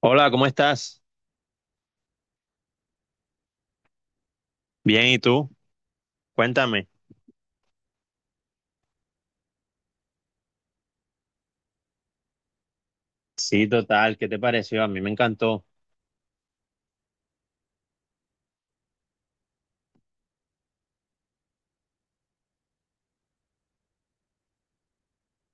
Hola, ¿cómo estás? Bien, ¿y tú? Cuéntame. Sí, total, ¿qué te pareció? A mí me encantó.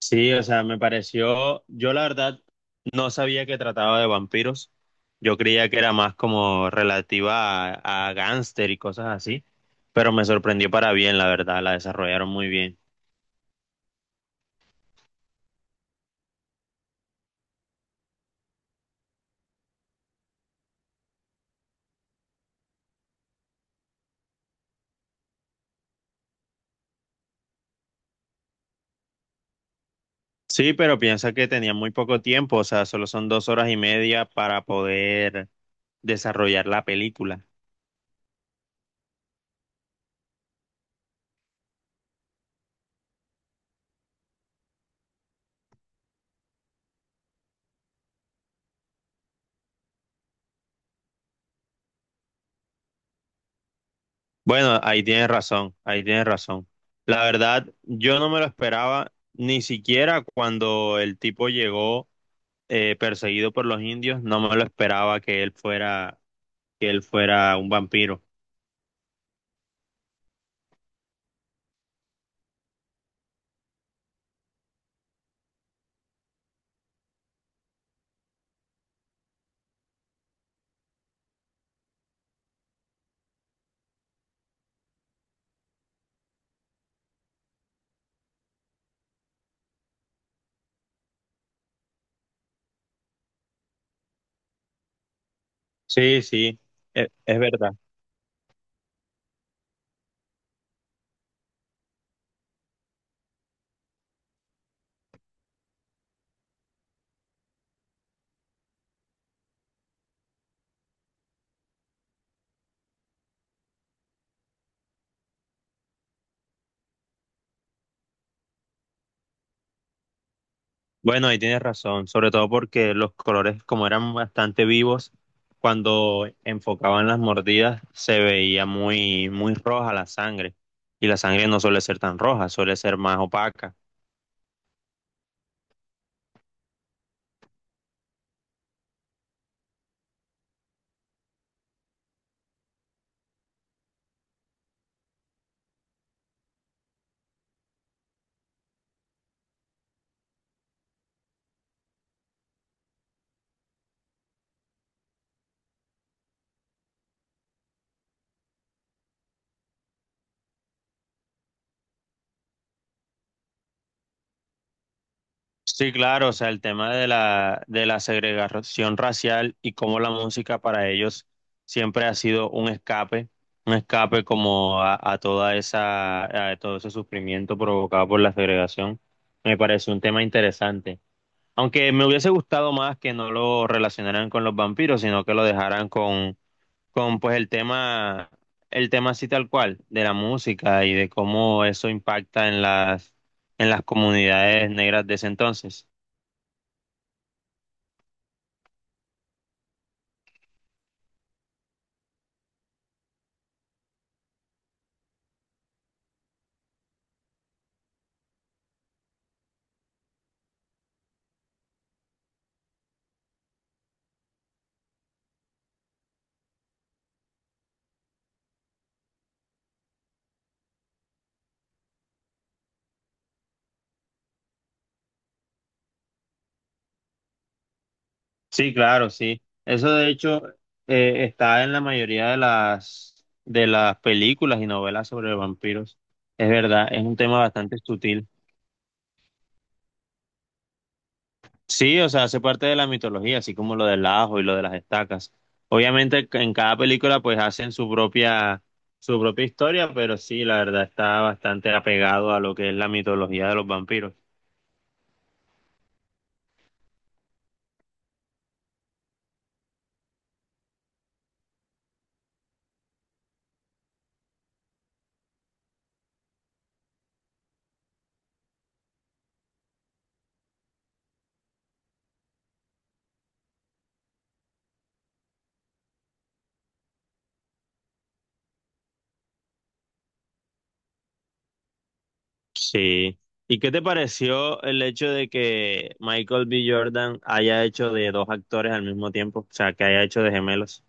Sí, o sea, me pareció, yo la verdad no sabía que trataba de vampiros. Yo creía que era más como relativa a gángster y cosas así, pero me sorprendió para bien, la verdad, la desarrollaron muy bien. Sí, pero piensa que tenía muy poco tiempo, o sea, solo son 2 horas y media para poder desarrollar la película. Bueno, ahí tienes razón, ahí tienes razón. La verdad, yo no me lo esperaba, ni siquiera cuando el tipo llegó perseguido por los indios, no me lo esperaba que él fuera, un vampiro. Sí, sí, es verdad. Bueno, ahí tienes razón, sobre todo porque los colores, como eran bastante vivos, cuando enfocaban las mordidas, se veía muy, muy roja la sangre. Y la sangre no suele ser tan roja, suele ser más opaca. Sí, claro, o sea, el tema de la segregación racial y cómo la música para ellos siempre ha sido un escape como a todo ese sufrimiento provocado por la segregación, me parece un tema interesante. Aunque me hubiese gustado más que no lo relacionaran con los vampiros, sino que lo dejaran con pues el tema, así tal cual, de la música y de cómo eso impacta en las comunidades negras de ese entonces. Sí, claro, sí. Eso de hecho está en la mayoría de las películas y novelas sobre vampiros. Es verdad, es un tema bastante sutil. Sí, o sea, hace parte de la mitología, así como lo del ajo y lo de las estacas. Obviamente en cada película pues hacen su propia historia, pero sí, la verdad está bastante apegado a lo que es la mitología de los vampiros. Sí. ¿Y qué te pareció el hecho de que Michael B. Jordan haya hecho de dos actores al mismo tiempo? O sea, que haya hecho de gemelos.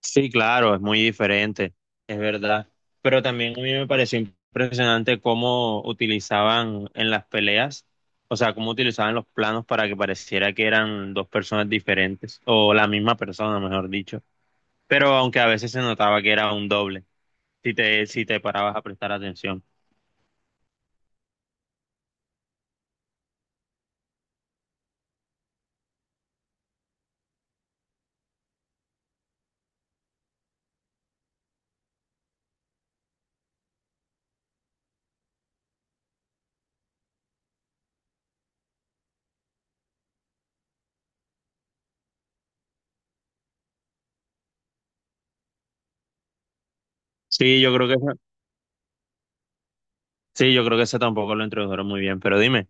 Sí, claro, es muy diferente, es verdad. Pero también a mí me pareció impresionante cómo utilizaban en las peleas, o sea, cómo utilizaban los planos para que pareciera que eran dos personas diferentes, o la misma persona, mejor dicho. Pero aunque a veces se notaba que era un doble, si te parabas a prestar atención. Sí, yo creo que Sí, yo creo que ese tampoco lo introdujeron muy bien, pero dime.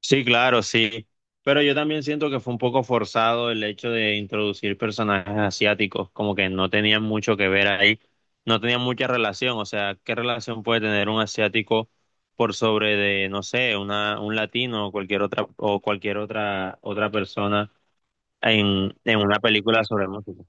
Sí, claro, sí. Pero yo también siento que fue un poco forzado el hecho de introducir personajes asiáticos, como que no tenían mucho que ver ahí, no tenían mucha relación. O sea, ¿qué relación puede tener un asiático por sobre de, no sé, un latino o cualquier otra, otra persona en una película sobre música?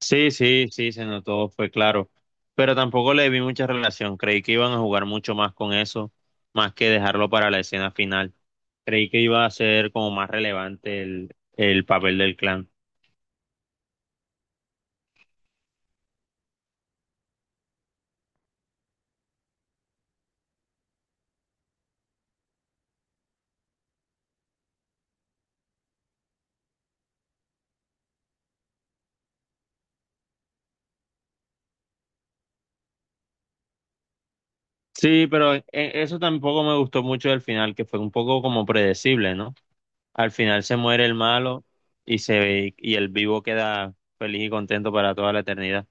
Sí, sí, sí, se notó, fue claro. Pero tampoco le vi mucha relación. Creí que iban a jugar mucho más con eso, más que dejarlo para la escena final. Creí que iba a ser como más relevante el papel del clan. Sí, pero eso tampoco me gustó mucho del final, que fue un poco como predecible, ¿no? Al final se muere el malo y se ve, y el vivo queda feliz y contento para toda la eternidad.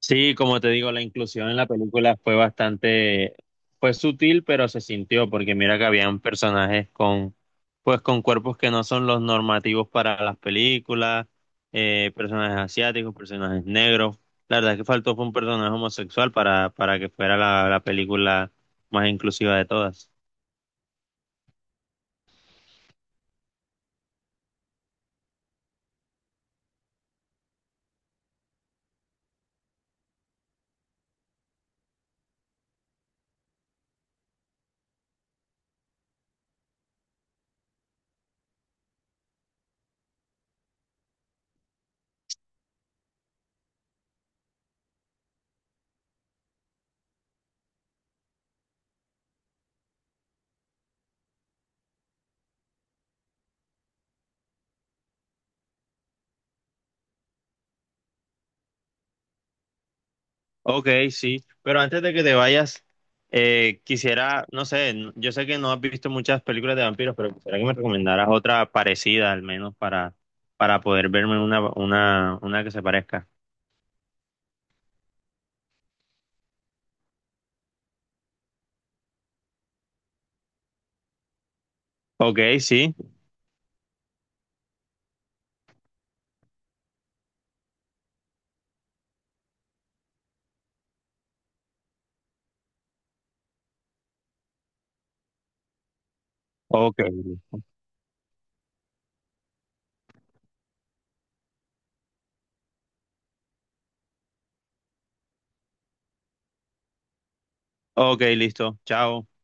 Sí, como te digo, la inclusión en la película fue bastante, fue sutil, pero se sintió, porque mira que habían personajes con, pues con cuerpos que no son los normativos para las películas, personajes asiáticos, personajes negros. La verdad es que faltó fue un personaje homosexual para que fuera la película más inclusiva de todas. Ok, sí, pero antes de que te vayas, quisiera, no sé, yo sé que no has visto muchas películas de vampiros, pero quisiera que me recomendaras otra parecida al menos para poder verme una que se parezca. Ok, sí, ok, ok, listo, chao.